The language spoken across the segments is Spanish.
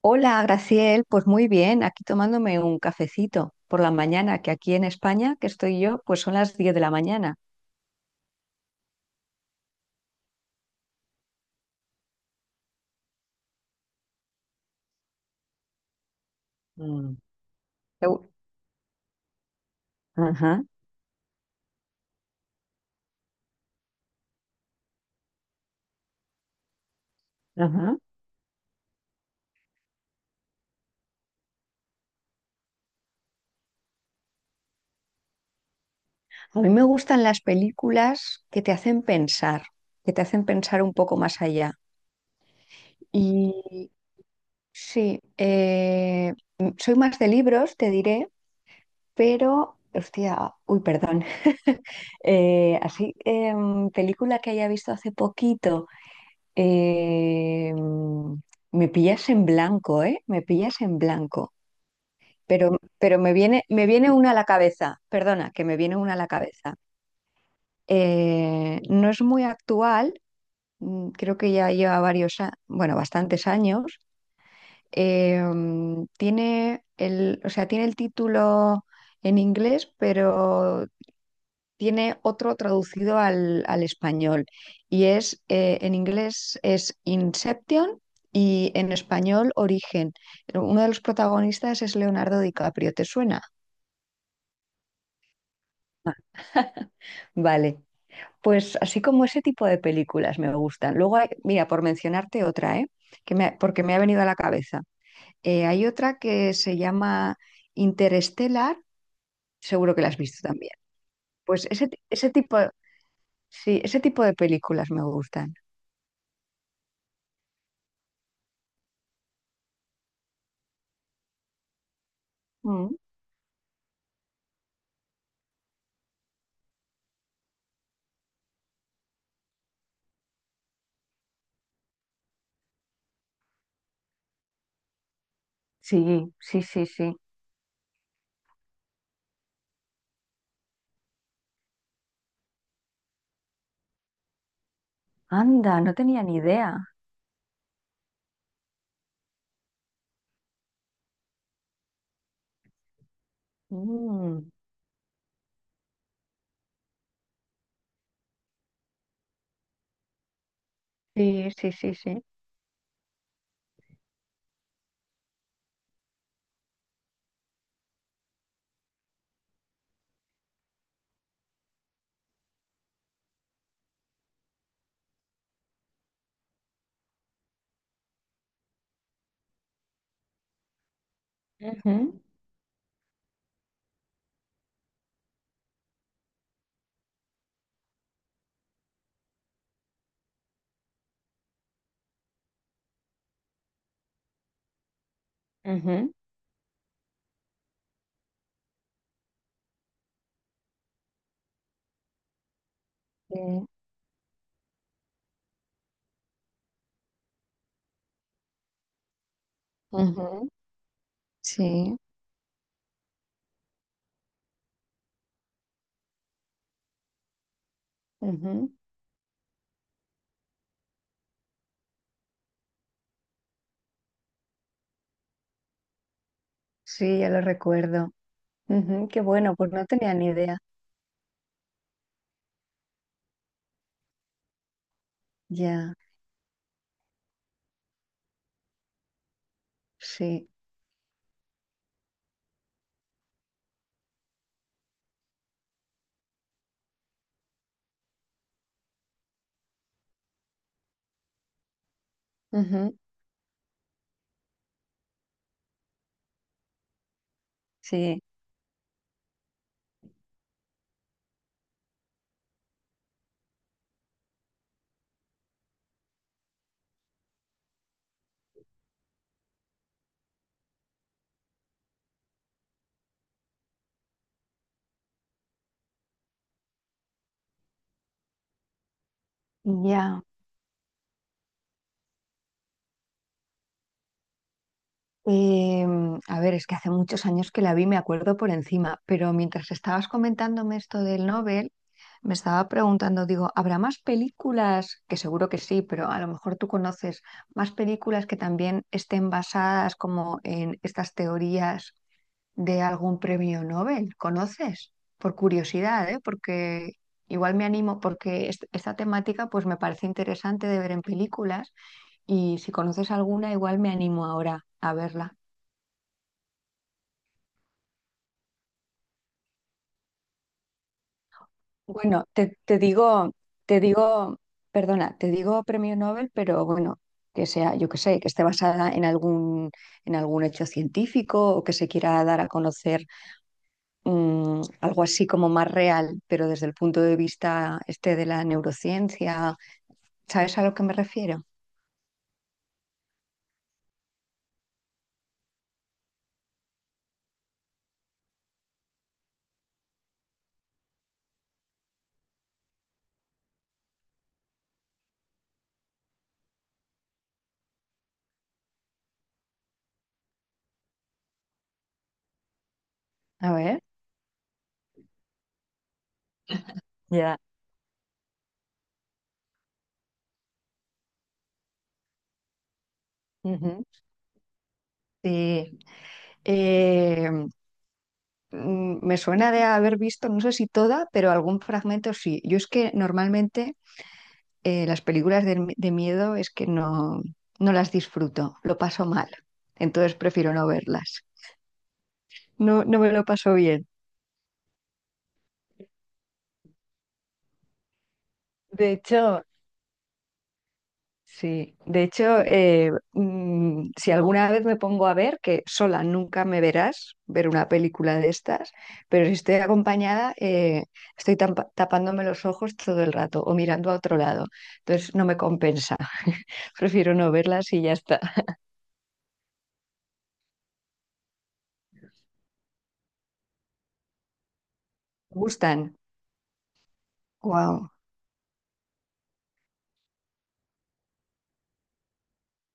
Hola, Graciel. Pues muy bien, aquí tomándome un cafecito por la mañana, que aquí en España, que estoy yo, pues son las 10 de la mañana. Mm. Me gu- Ajá, ajá. A mí me gustan las películas que te hacen pensar, que te hacen pensar un poco más allá. Y sí, soy más de libros, te diré, pero, hostia, uy, perdón. Película que haya visto hace poquito. Eh, me pillas en blanco, ¿eh? Me pillas en blanco. Pero me viene una a la cabeza. Perdona, que me viene una a la cabeza. No es muy actual, creo que ya lleva varios, bueno, bastantes años. Tiene el, o sea, tiene el título en inglés, pero tiene otro traducido al español y es, en inglés es Inception y en español Origen. Uno de los protagonistas es Leonardo DiCaprio, ¿te suena? Vale, pues así como ese tipo de películas me gustan. Luego mira, por mencionarte otra, ¿eh? Porque me ha venido a la cabeza. Hay otra que se llama Interstellar, seguro que la has visto también. Pues ese tipo, sí, ese tipo de películas me gustan. Mm. Sí, sí, sí, sí. Anda, no tenía ni idea. Mm, sí, sí, sí, sí. Ujú, ujú, sí, ujú, sí, ujú. Sí, ya lo recuerdo. Ujú, qué bueno, pues no tenía ni idea. Ya, sí, ujú, sí, ya. A ver, es que hace muchos años que la vi, me acuerdo por encima, pero mientras estabas comentándome esto del Nobel, me estaba preguntando, digo, ¿habrá más películas? Que seguro que sí, pero a lo mejor tú conoces más películas que también estén basadas como en estas teorías de algún premio Nobel. ¿Conoces? Por curiosidad, ¿eh? Porque igual me animo, porque esta temática pues me parece interesante de ver en películas y si conoces alguna, igual me animo ahora a verla. Bueno, te digo, te digo, perdona, te digo premio Nobel, pero bueno, que sea, yo que sé, que esté basada en algún, hecho científico o que se quiera dar a conocer algo así como más real, pero desde el punto de vista este de la neurociencia, ¿sabes a lo que me refiero? A ver. Ya. Ujú. Sí. Eh, me suena de haber visto, no sé si toda, pero algún fragmento sí. Yo es que normalmente las películas de, de miedo es que no, no las disfruto, lo paso mal. Entonces prefiero no verlas. No, no me lo paso bien. De hecho, Sí, de hecho, si alguna vez me pongo a ver, que sola nunca me verás ver una película de estas, pero si estoy acompañada, estoy tapándome los ojos todo el rato o mirando a otro lado. Entonces no me compensa. Prefiero no verlas y ya está. Me gustan. Wow,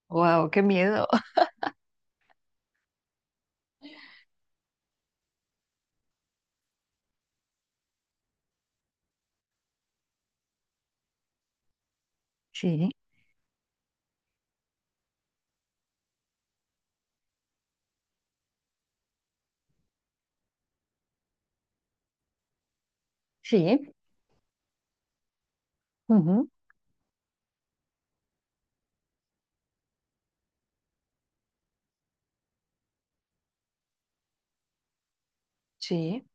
wow, qué miedo. Sí, sí, ujú, sí.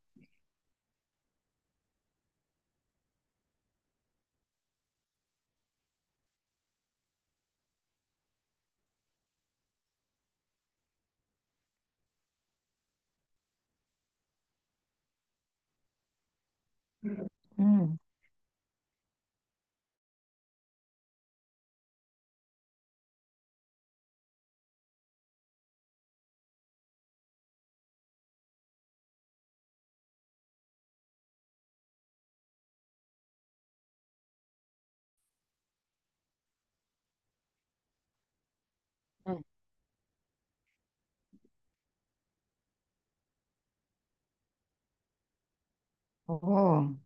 Mm, mm. Oh,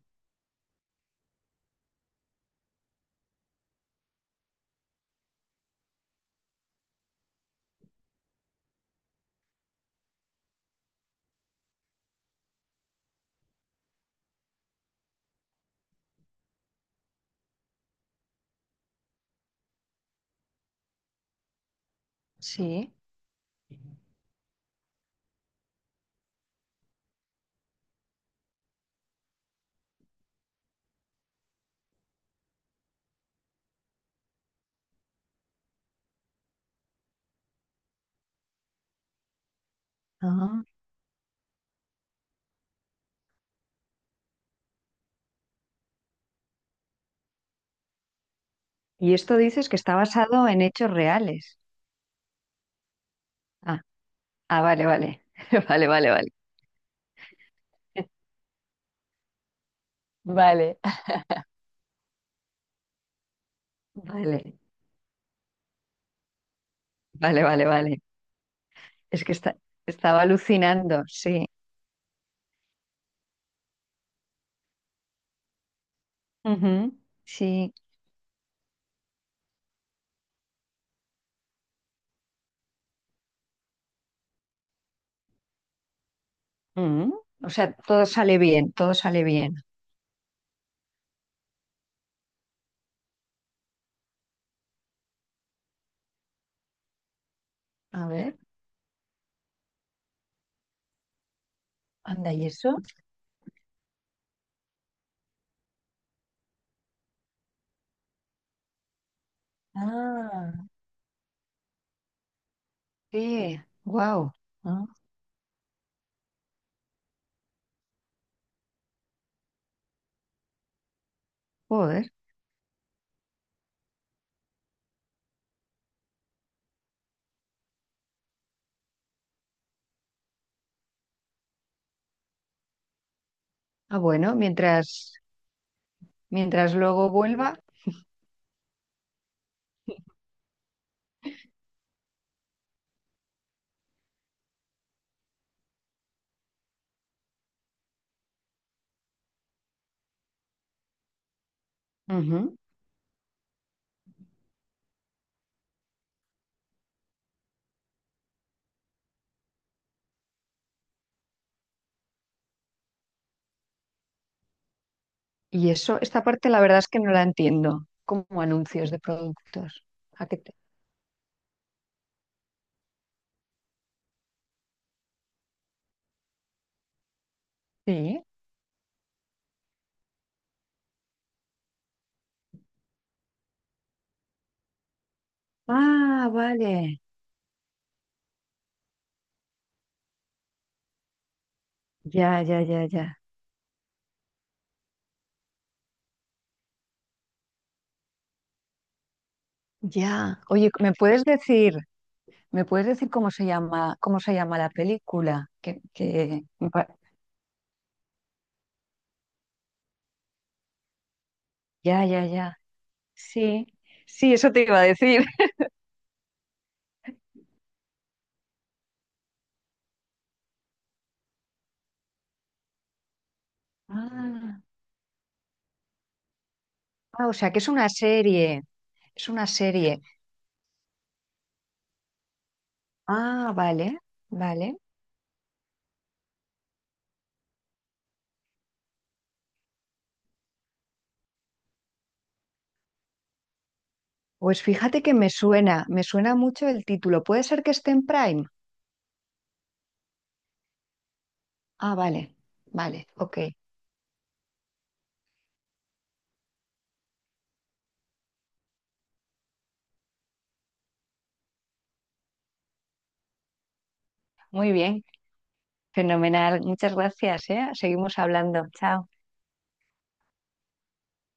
sí. Ah. Y esto dices que está basado en hechos reales. Ah, ah, vale, vale. Vale, vale, vale. Vale. Vale, vale, vale, vale. Es que está- Estaba alucinando, sí. Ujú. Sí. Mm. O sea, todo sale bien, todo sale bien. A ver, anda, ¿y eso? Ah, sí, wow. Joder. Ah, bueno, mientras luego vuelva. Ujú. Y eso, esta parte la verdad es que no la entiendo, como anuncios de productos. ¿A qué te- Sí. Ah, vale. Ya, ya, ya, ya. Ya. Oye, me puedes decir cómo se llama la película? Ya, ya, ya. Sí, sí, eso te iba a decir. Ah, ah, o sea, que es una serie, es una serie. Ah, vale, vale. Pues fíjate que me suena mucho el título. ¿Puede ser que esté en Prime? Ah, vale, vale, ok. Muy bien, fenomenal. Muchas gracias, ¿eh? Seguimos hablando. Chao.